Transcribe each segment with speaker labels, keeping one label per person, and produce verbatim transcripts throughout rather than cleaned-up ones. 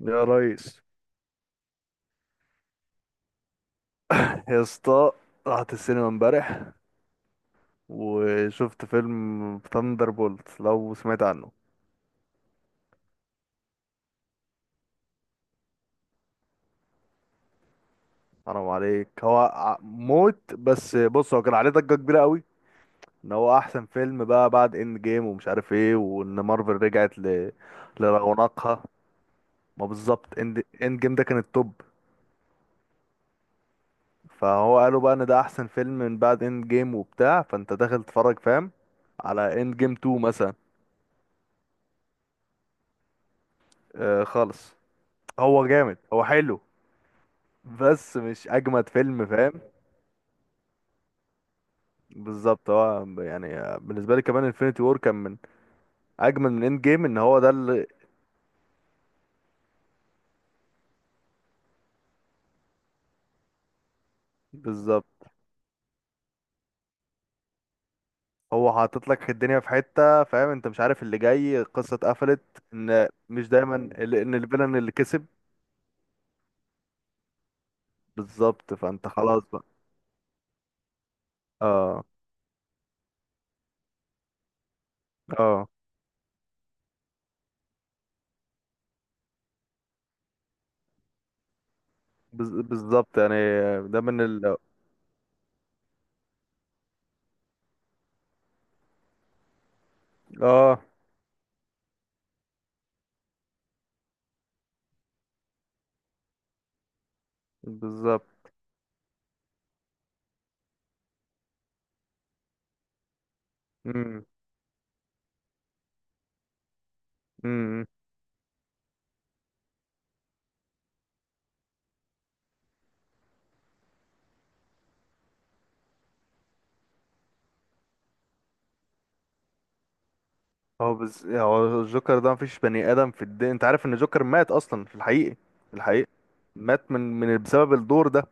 Speaker 1: يا ريس، يا اسطى. رحت السينما امبارح وشفت فيلم ثاندر بولت، لو سمعت عنه. حرام عليك، هو ع- موت. بس بص، هو كان عليه ضجة كبيرة قوي، ان هو احسن فيلم بقى بعد اند جيم ومش عارف ايه، وان مارفل رجعت ل... لرونقها. ما بالظبط، اند اند جيم ده كان التوب. فهو قالوا بقى ان ده احسن فيلم من بعد اند جيم وبتاع، فانت داخل تتفرج، فاهم، على اند جيم اتنين مثلا. آه خالص، هو جامد هو حلو، بس مش اجمد فيلم، فاهم. بالظبط، هو يعني بالنسبه لي كمان انفينيتي وور كان من اجمل من اند جيم، ان هو ده اللي... بالظبط، هو حاطط لك الدنيا في حته، فاهم، انت مش عارف اللي جاي، القصه اتقفلت، ان مش دايما ال- ان الفيلن اللي كسب. بالظبط، فانت خلاص بقى. اه، اه. بز- بالظبط يعني، ده من ال... اه، بالظبط. امم هو بس، هو الجوكر ده مفيش بني ادم في الدنيا. انت عارف ان الجوكر مات اصلا في الحقيقي؟ في الحقيقي مات من من بسبب الدور ده.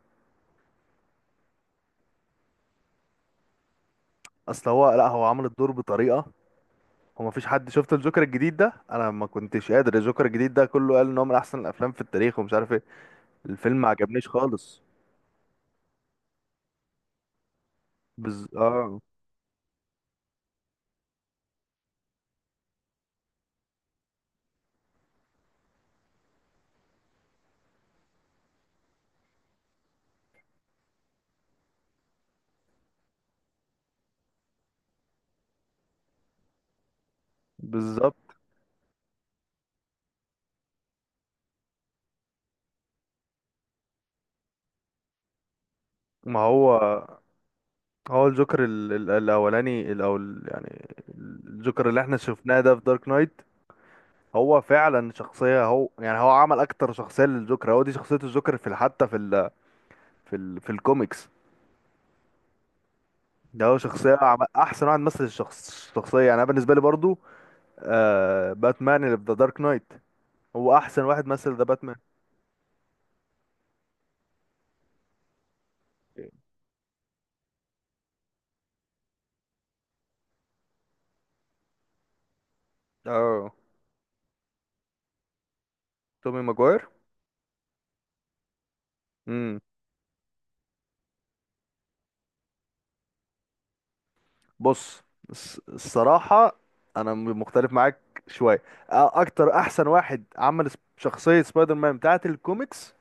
Speaker 1: اصل هو، لا هو عمل الدور بطريقه، هو مفيش حد. شفت الجوكر الجديد ده؟ انا ما كنتش قادر، الجوكر الجديد ده كله قال ان هو من احسن الافلام في التاريخ ومش عارف ايه، الفيلم ما عجبنيش خالص. بز... اه. بالظبط. ما هو، هو الجوكر ال... ال- الاولاني، الاول يعني، الجوكر اللي احنا شفناه ده في دارك نايت هو فعلا شخصية، هو يعني هو عمل أكتر شخصية للجوكر، هو دي شخصية الجوكر في ال- حتى في ال في ال في الكوميكس. ده هو شخصية، عمل أحسن واحد مثل الشخص الشخصية، يعني أنا بالنسبة لي برضو. آه، باتمان اللي في ذا دارك نايت هو أحسن واحد مثل ذا باتمان. اه، تومي ماجواير. امم بص، الص- الصراحة أنا م- مختلف معاك شوية. أ- أكتر، أحسن واحد عمل سب- شخصية سبايدر مان بتاعة الكوميكس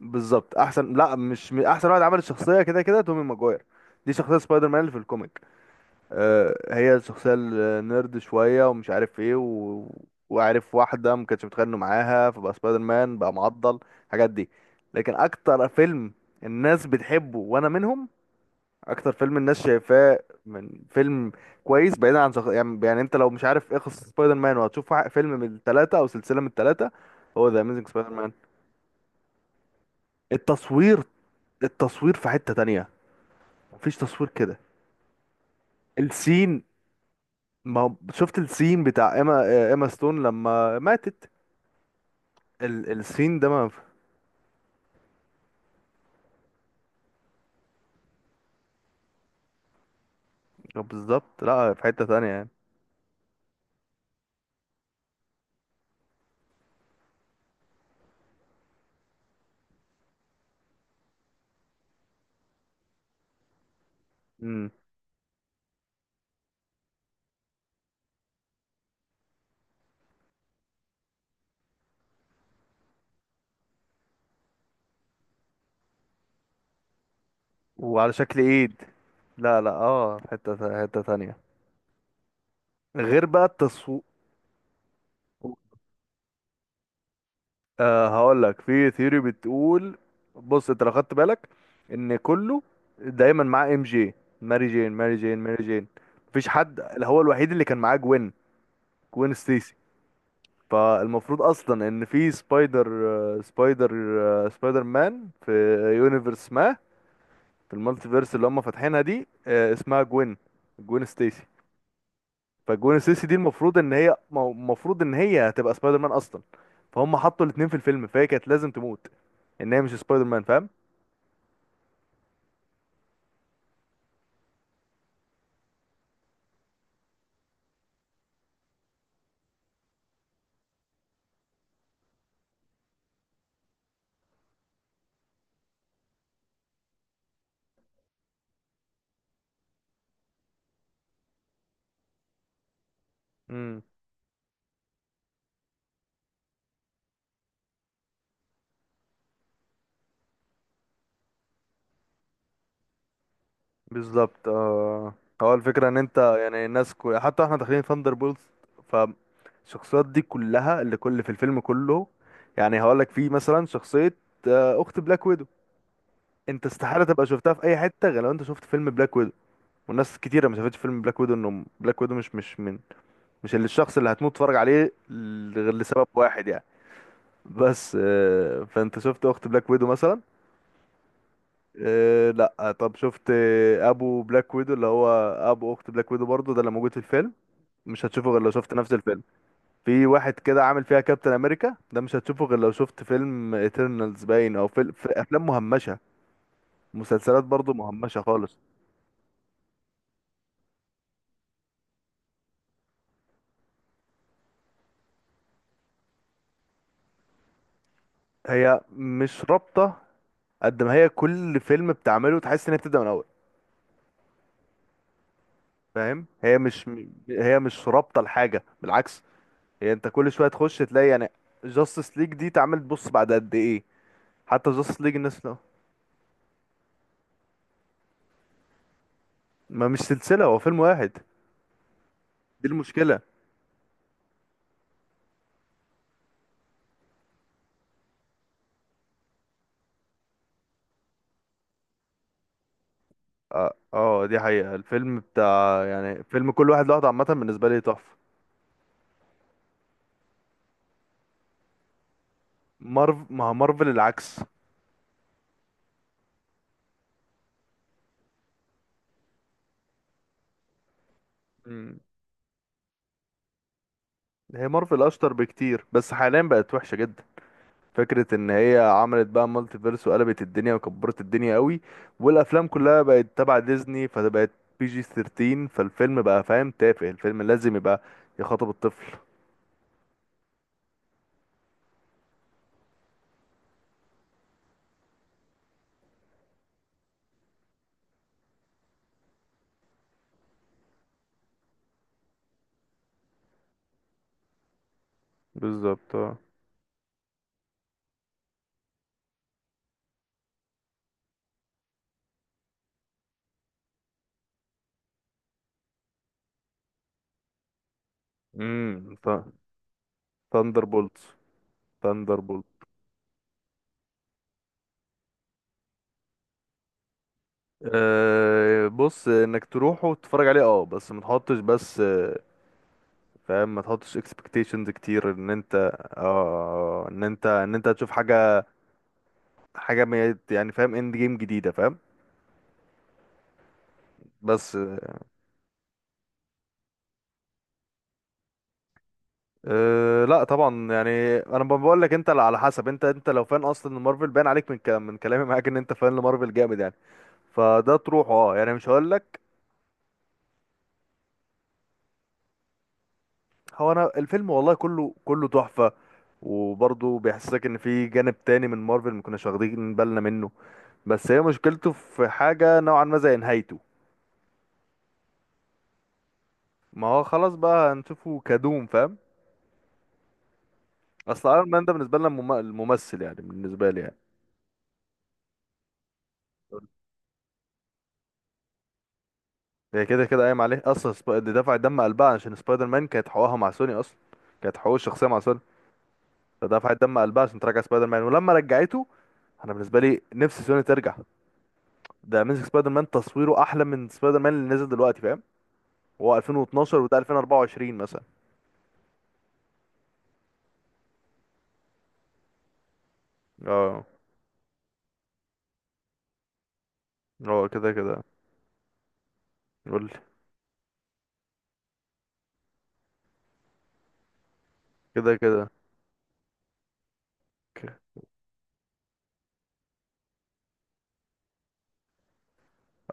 Speaker 1: بالظبط، احسن، لا مش م- احسن واحد عمل الشخصيه، كده كده تومي ماجواير. دي شخصيه سبايدر مان اللي في الكوميك، آه، هي الشخصيه النيرد شويه ومش عارف ايه و... وعارف واحده ما كانش متخانق معاها، فبقى سبايدر مان بقى معضل الحاجات دي. لكن اكتر فيلم الناس بتحبه وانا منهم، اكتر فيلم الناس شايفاه من فيلم كويس، بعيدا عن شخص... يعني... يعني انت لو مش عارف ايه قصه سبايدر مان وهتشوف واحد- فيلم من الثلاثه او سلسله من الثلاثه، هو ذا اميزنج سبايدر مان. التصوير، التصوير في حتة تانية، مفيش تصوير كده. السين، ما شفت السين بتاع ايما؟ ايما ستون لما ماتت، ال... السين ده، ما بالظبط، لا في حتة تانية يعني. امم وعلى شكل ايد، لا لا، اه، في حتة تا- حتة تانية، غير بقى التصوير. آه، هقول لك، في ثيوري بتقول، بص، انت لو خدت بالك ان كله دايما معاه ام جي، ماري جين، ماري جين، ماري جين، مفيش حد، اللي هو الوحيد اللي كان معاه جوين، جوين ستيسي. فالمفروض اصلا ان في سبايدر، آه، سبايدر، آه، سبايدر مان في يونيفرس ما، في المالتيفيرس اللي هم فاتحينها دي، آه، اسمها جوين، جوين ستيسي. فجوين ستيسي دي المفروض ان هي مو- المفروض ان هي هتبقى سبايدر مان اصلا، فهم حطوا الاتنين في الفيلم، فهي كانت لازم تموت ان هي مش سبايدر مان. فاهم. بالظبط، اه. هو الفكرة ان انت يعني الناس كل... حتى احنا داخلين ثاندر بولز، فالشخصيات دي كلها اللي كل في الفيلم كله، يعني هقولك في مثلا شخصية، آه، اخت بلاك ويدو، انت استحالة تبقى شفتها في اي حتة غير لو انت شفت فيلم بلاك ويدو. والناس كتيرة ما شافتش فيلم بلاك ويدو، انه بلاك ويدو مش مش من، مش اللي الشخص اللي هتموت تتفرج عليه ل- غير لسبب واحد يعني. بس آه، فانت شفت اخت بلاك ويدو مثلا؟ إيه، لا، طب شفت ابو بلاك ويدو اللي هو ابو اخت بلاك ويدو برضه ده اللي موجود في الفيلم؟ مش هتشوفه غير لو شفت نفس الفيلم. في واحد كده عامل فيها كابتن امريكا، ده مش هتشوفه غير لو شفت فيلم ايترنالز باين، او في، في افلام مهمشه، مسلسلات برضه مهمشه خالص. هي مش رابطه، قد ما هي كل فيلم بتعمله تحس ان هي بتبدا من الاول. فاهم، هي مش، هي مش رابطه لحاجه، بالعكس. هي انت كل شويه تخش تلاقي يعني جاستس ليج دي اتعملت، بص، بعد قد ايه، حتى جاستس ليج الناس. ما مش سلسلة، هو فيلم واحد. دي المشكلة. اه، آه، دي حقيقة. الفيلم بتاع يعني فيلم كل واحد لوحده، عامة بالنسبة لي تحفة. مارف، ما هو مارفل العكس. مم. هي مارفل أشطر بكتير، بس حاليا بقت وحشة جدا، فكرة إن هي عملت بقى مالتي فيرس وقلبت الدنيا وكبرت الدنيا قوي، والأفلام كلها بقت تبع ديزني فبقت بي جي تلتاشر، فالفيلم بقى فاهم تافه، الفيلم لازم يبقى يخاطب الطفل. بالظبط، اه. امم ثاندر بولتس. أه، بص، انك تروح وتتفرج عليه اه، بس ما تحطش، بس آه، فاهم، ما تحطش expectations كتير ان انت، اه، ان انت ان انت هتشوف حاجه، حاجه ميت- يعني فاهم، اند جيم جديده، فاهم، بس. أه، لا طبعا، يعني انا بقول لك، انت على حسب، انت انت لو فان اصلا لمارفل، باين عليك من كلام، من كلامي معاك، ان انت فان لمارفل جامد يعني، فده تروح اه، يعني مش هقول لك. هو انا الفيلم والله كله، كله تحفه، وبرضه بيحسسك ان في جانب تاني من مارفل ما كناش واخدين بالنا منه، بس هي مشكلته في حاجة نوعا ما زي نهايته. ما هو خلاص بقى، هنشوفه كدوم فاهم. اصل ايرون مان ده بالنسبة لنا مم- الممثل، يعني بالنسبة لي يعني. هي كده كده قايم عليه اصلا، سب... دي دفعت دم قلبها عشان سبايدر مان، كانت حقوقها مع سوني اصلا، كانت حقوق الشخصية مع سوني، فدفعت دم قلبها عشان ترجع سبايدر مان، ولما رجعته، انا بالنسبة لي نفسي سوني ترجع، ده اميزنج سبايدر مان تصويره احلى من سبايدر مان اللي نزل دلوقتي، فاهم، هو الفين واتناشر وده الفين واربعة وعشرين مثلا. اه، اه، كده كده. قول لي. كده كده.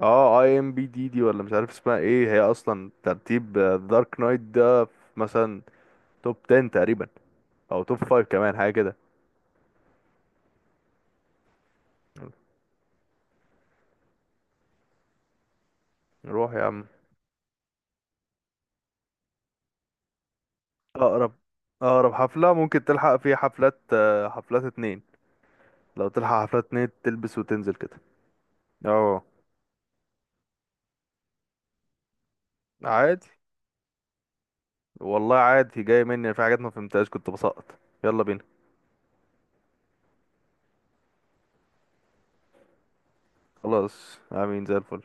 Speaker 1: اه، اي ام بي دي دي ولا مش عارف اسمها ايه، هي اصلا ترتيب دارك نايت ده في مثلا توب عشرة تقريبا، او توب خمسة كمان حاجه كده. نروح يا عم. اقرب، اقرب حفله ممكن تلحق فيها حفلات، آه، حفلات اتنين، لو تلحق حفلات اتنين، تلبس وتنزل كده. اه، عادي. والله عادي، جاي مني في حاجات ما فهمتهاش كنت بسقط. يلا بينا. خلاص، عاملين زي الفل.